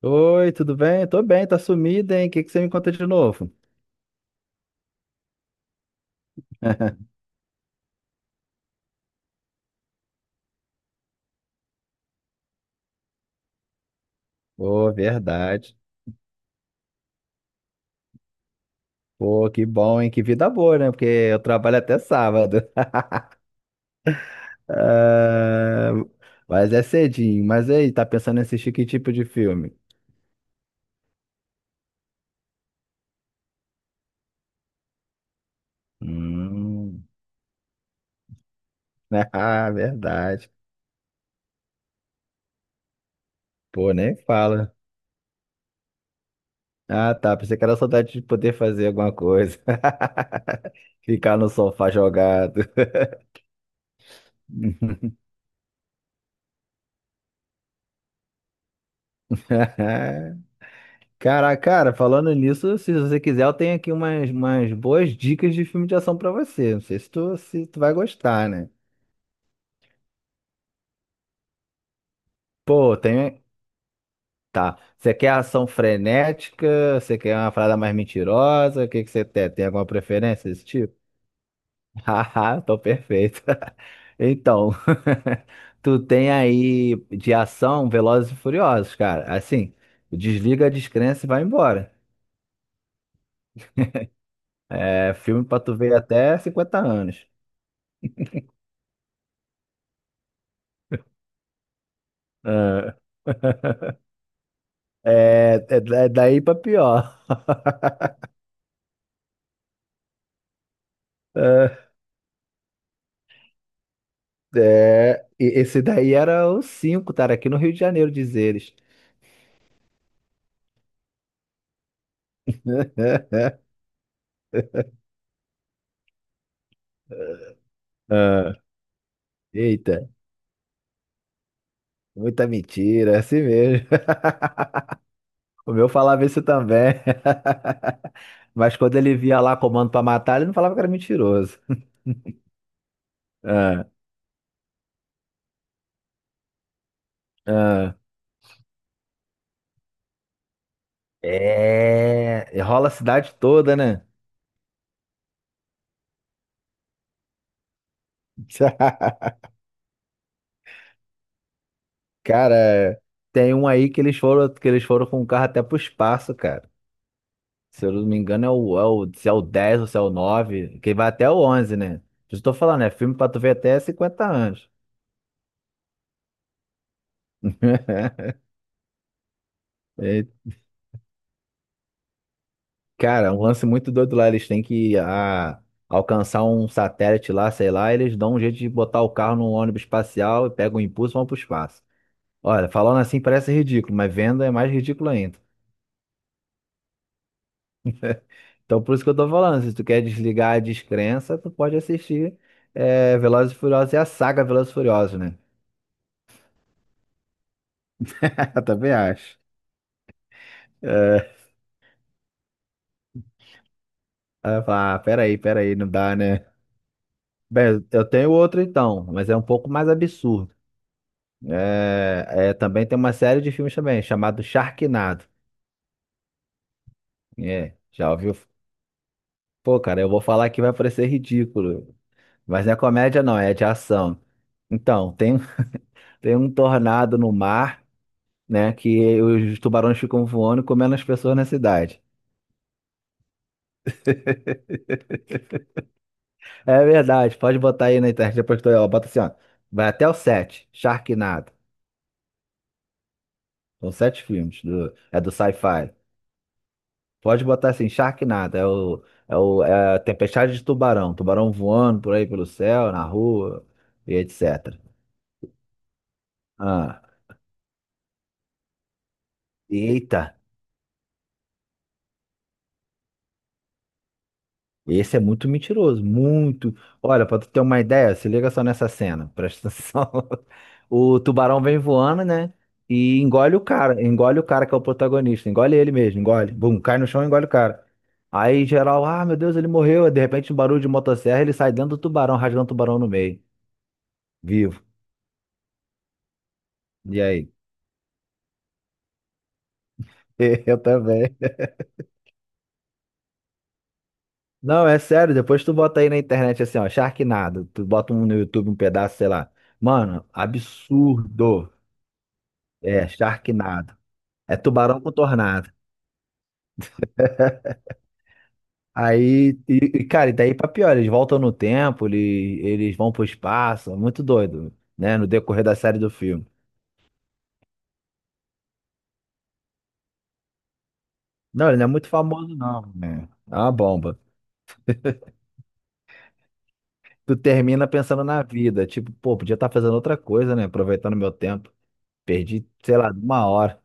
Oi, tudo bem? Tô bem, tá sumida, hein? O que que você me conta de novo? Pô, verdade. Pô, que bom, hein? Que vida boa, né? Porque eu trabalho até sábado. Ah, mas é cedinho. Mas e aí, tá pensando em assistir que tipo de filme? Hum, ah, verdade. Pô, nem fala. Ah, tá. Pensei que era saudade de poder fazer alguma coisa. Ficar no sofá jogado. Cara, cara, falando nisso, se você quiser, eu tenho aqui umas boas dicas de filme de ação pra você. Não sei se tu vai gostar, né? Pô, tem. Tá. Você quer ação frenética? Você quer uma parada mais mentirosa? O que que você tem? Tem alguma preferência desse tipo? Haha, tô perfeito. Então, tu tem aí de ação Velozes e Furiosos, cara. Assim, desliga a descrença e vai embora. É filme pra tu ver até 50 anos. É. É daí pra pior. É, e esse daí era o 5, cara, aqui no Rio de Janeiro, diz eles. Ah, eita, muita mentira, é assim mesmo. O meu falava isso também. Mas quando ele via lá comando pra matar, ele não falava que era mentiroso. Ah, ah. É, rola a cidade toda, né? Cara, tem um aí que eles foram com o carro até pro espaço, cara. Se eu não me engano, é o, se é o 10 ou se é o 9, que vai até o 11, né? Por eu tô falando, é filme pra tu ver até cinquenta anos. É, cara, é um lance muito doido lá. Eles têm que alcançar um satélite lá, sei lá, eles dão um jeito de botar o carro num ônibus espacial e pegam o impulso e vão pro espaço. Olha, falando assim parece ridículo, mas vendo é mais ridículo ainda. Então por isso que eu tô falando, se tu quer desligar a descrença, tu pode assistir Velozes e Furiosos e a saga Velozes e Furiosos, né? Eu também acho. Aí eu falo, ah, peraí, peraí, não dá, né? Bem, eu tenho outro então, mas é um pouco mais absurdo. Também tem uma série de filmes também, chamado Sharknado. É, já ouviu? Pô, cara, eu vou falar que vai parecer ridículo, mas não é comédia não, é de ação. Então, tem, tem um tornado no mar, né, que os tubarões ficam voando e comendo as pessoas na cidade. É verdade, pode botar aí na internet depois que tu, ó, bota assim, ó, vai até o 7, Sharknado. São sete filmes. É do sci-fi. Pode botar assim, Sharknado. É o, é a Tempestade de Tubarão. Tubarão voando por aí pelo céu, na rua, e etc. Ah, eita. Esse é muito mentiroso, muito. Olha, pra tu ter uma ideia, se liga só nessa cena, presta atenção. O tubarão vem voando, né? E engole o cara que é o protagonista, engole ele mesmo, engole. Bum, cai no chão e engole o cara. Aí geral, ah, meu Deus, ele morreu. Aí, de repente, um barulho de motosserra, ele sai dentro do tubarão, rasgando o tubarão no meio, vivo. E aí? Eu também. Não, é sério, depois tu bota aí na internet assim, ó, Sharknado, tu bota um no YouTube um pedaço, sei lá. Mano, absurdo. É, Sharknado. É tubarão com tornado. Aí, cara, e daí pra pior, eles voltam no tempo, eles vão pro espaço, é muito doido, né? No decorrer da série do filme. Não, ele não é muito famoso, não, né? É uma bomba. Tu termina pensando na vida, tipo, pô, podia estar fazendo outra coisa, né? Aproveitando meu tempo. Perdi, sei lá, uma hora.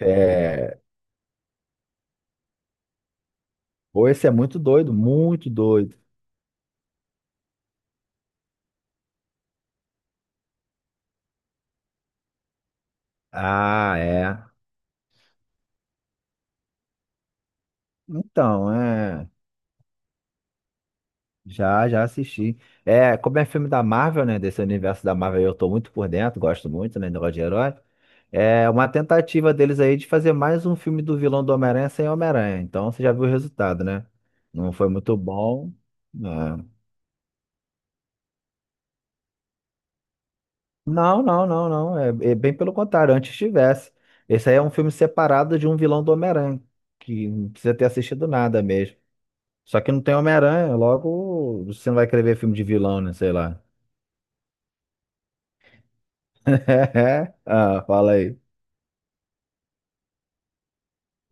É... Pô, esse é muito doido, muito doido. Ah, é. Então, é. Já, já assisti. É, como é filme da Marvel, né? Desse universo da Marvel, eu tô muito por dentro, gosto muito, né? Negócio de herói. É uma tentativa deles aí de fazer mais um filme do vilão do Homem-Aranha sem Homem-Aranha. Então você já viu o resultado, né? Não foi muito bom. Né? Não, não, não, não. É, é bem pelo contrário, antes tivesse. Esse aí é um filme separado de um vilão do Homem-Aranha, que não precisa ter assistido nada mesmo. Só que não tem Homem-Aranha, logo você não vai querer ver filme de vilão, né? Sei lá. Ah, fala aí.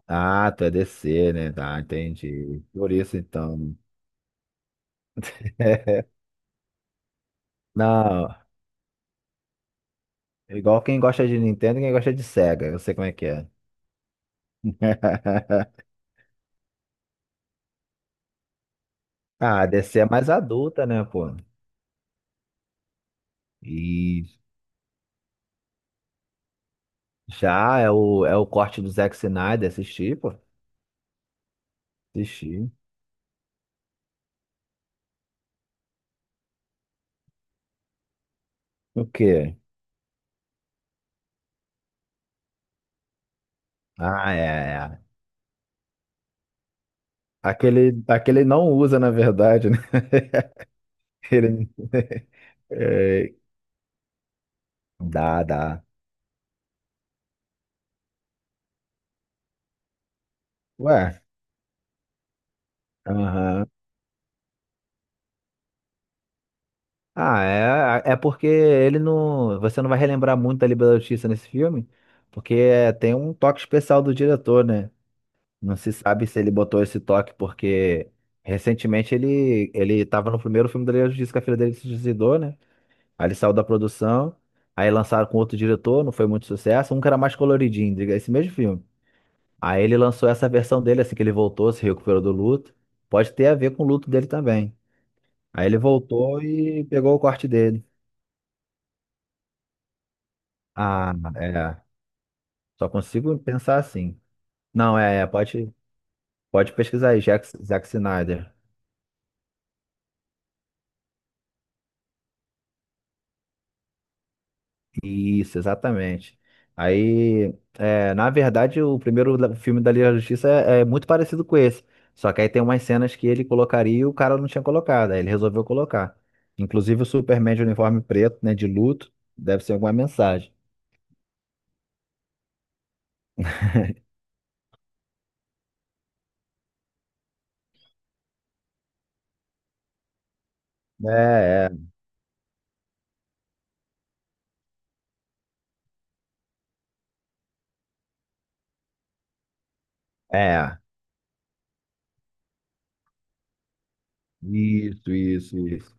Ah, tu é DC, né? Tá, entendi. Por isso então. Não, igual quem gosta de Nintendo, e quem gosta de Sega, eu sei como é que é. Ah, a DC é mais adulta, né, pô? E já é o, corte do Zack Snyder, assisti, pô. Assisti. O quê? Ah, é, é. Aquele, aquele não usa, na verdade, né? Ele. É, dá, dá. Ué, aham. Ah, é porque ele não. Você não vai relembrar muito da Liga da Justiça nesse filme, porque é, tem um toque especial do diretor, né? Não se sabe se ele botou esse toque porque recentemente ele estava no primeiro filme da Liga da Justiça que a filha dele se suicidou, né? Aí ele saiu da produção, aí lançaram com outro diretor, não foi muito sucesso, um que era mais coloridinho, diga, esse mesmo filme. Aí ele lançou essa versão dele, assim que ele voltou, se recuperou do luto. Pode ter a ver com o luto dele também. Aí ele voltou e pegou o corte dele. Ah, é. Só consigo pensar assim. Não, é, pode, pesquisar aí, Jack, Zack Snyder. Isso, exatamente. Aí, é, na verdade, o primeiro filme da Liga da Justiça é muito parecido com esse. Só que aí tem umas cenas que ele colocaria e o cara não tinha colocado. Aí ele resolveu colocar. Inclusive o Superman de uniforme preto, né, de luto, deve ser alguma mensagem. É, é, é. Isso, isso, isso.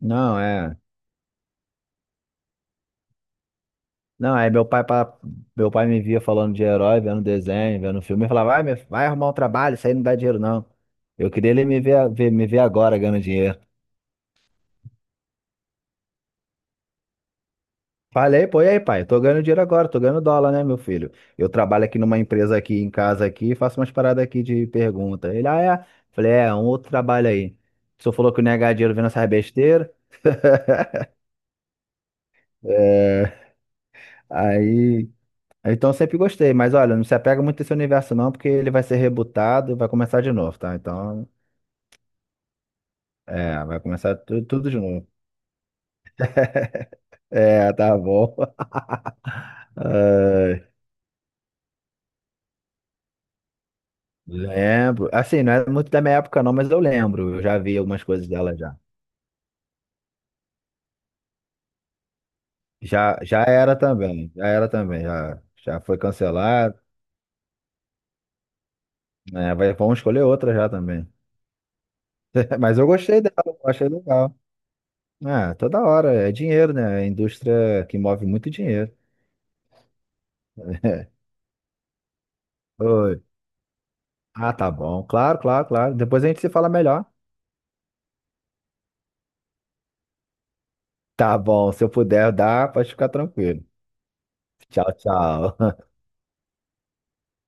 Não, é. Não, aí meu pai, meu pai me via falando de herói, vendo desenho, vendo filme, e falava, vai, vai arrumar um trabalho, isso aí não dá dinheiro, não. Eu queria ele me ver, me ver agora ganhando dinheiro. Falei, pô, e aí, pai? Eu tô ganhando dinheiro agora, tô ganhando dólar, né, meu filho? Eu trabalho aqui numa empresa aqui em casa aqui, faço umas paradas aqui de pergunta. Ele, ah, é? Falei, é, um outro trabalho aí. O senhor falou que não ia ganhar dinheiro vendo essas besteiras. É, aí. Então eu sempre gostei, mas olha, não se apega muito a esse universo, não, porque ele vai ser rebutado e vai começar de novo, tá? Então. É, vai começar tudo de novo. É, tá bom. Ai, lembro. Assim, não é muito da minha época, não, mas eu lembro. Eu já vi algumas coisas dela já. Já, já era também. Já era também. Já, já foi cancelado. É, vai, vamos escolher outra já também. Mas eu gostei dela, eu achei legal. É, toda hora. É dinheiro, né? É indústria que move muito dinheiro. Oi. Ah, tá bom. Claro, claro, claro. Depois a gente se fala melhor. Tá bom. Se eu puder dar, pode ficar tranquilo. Tchau, tchau.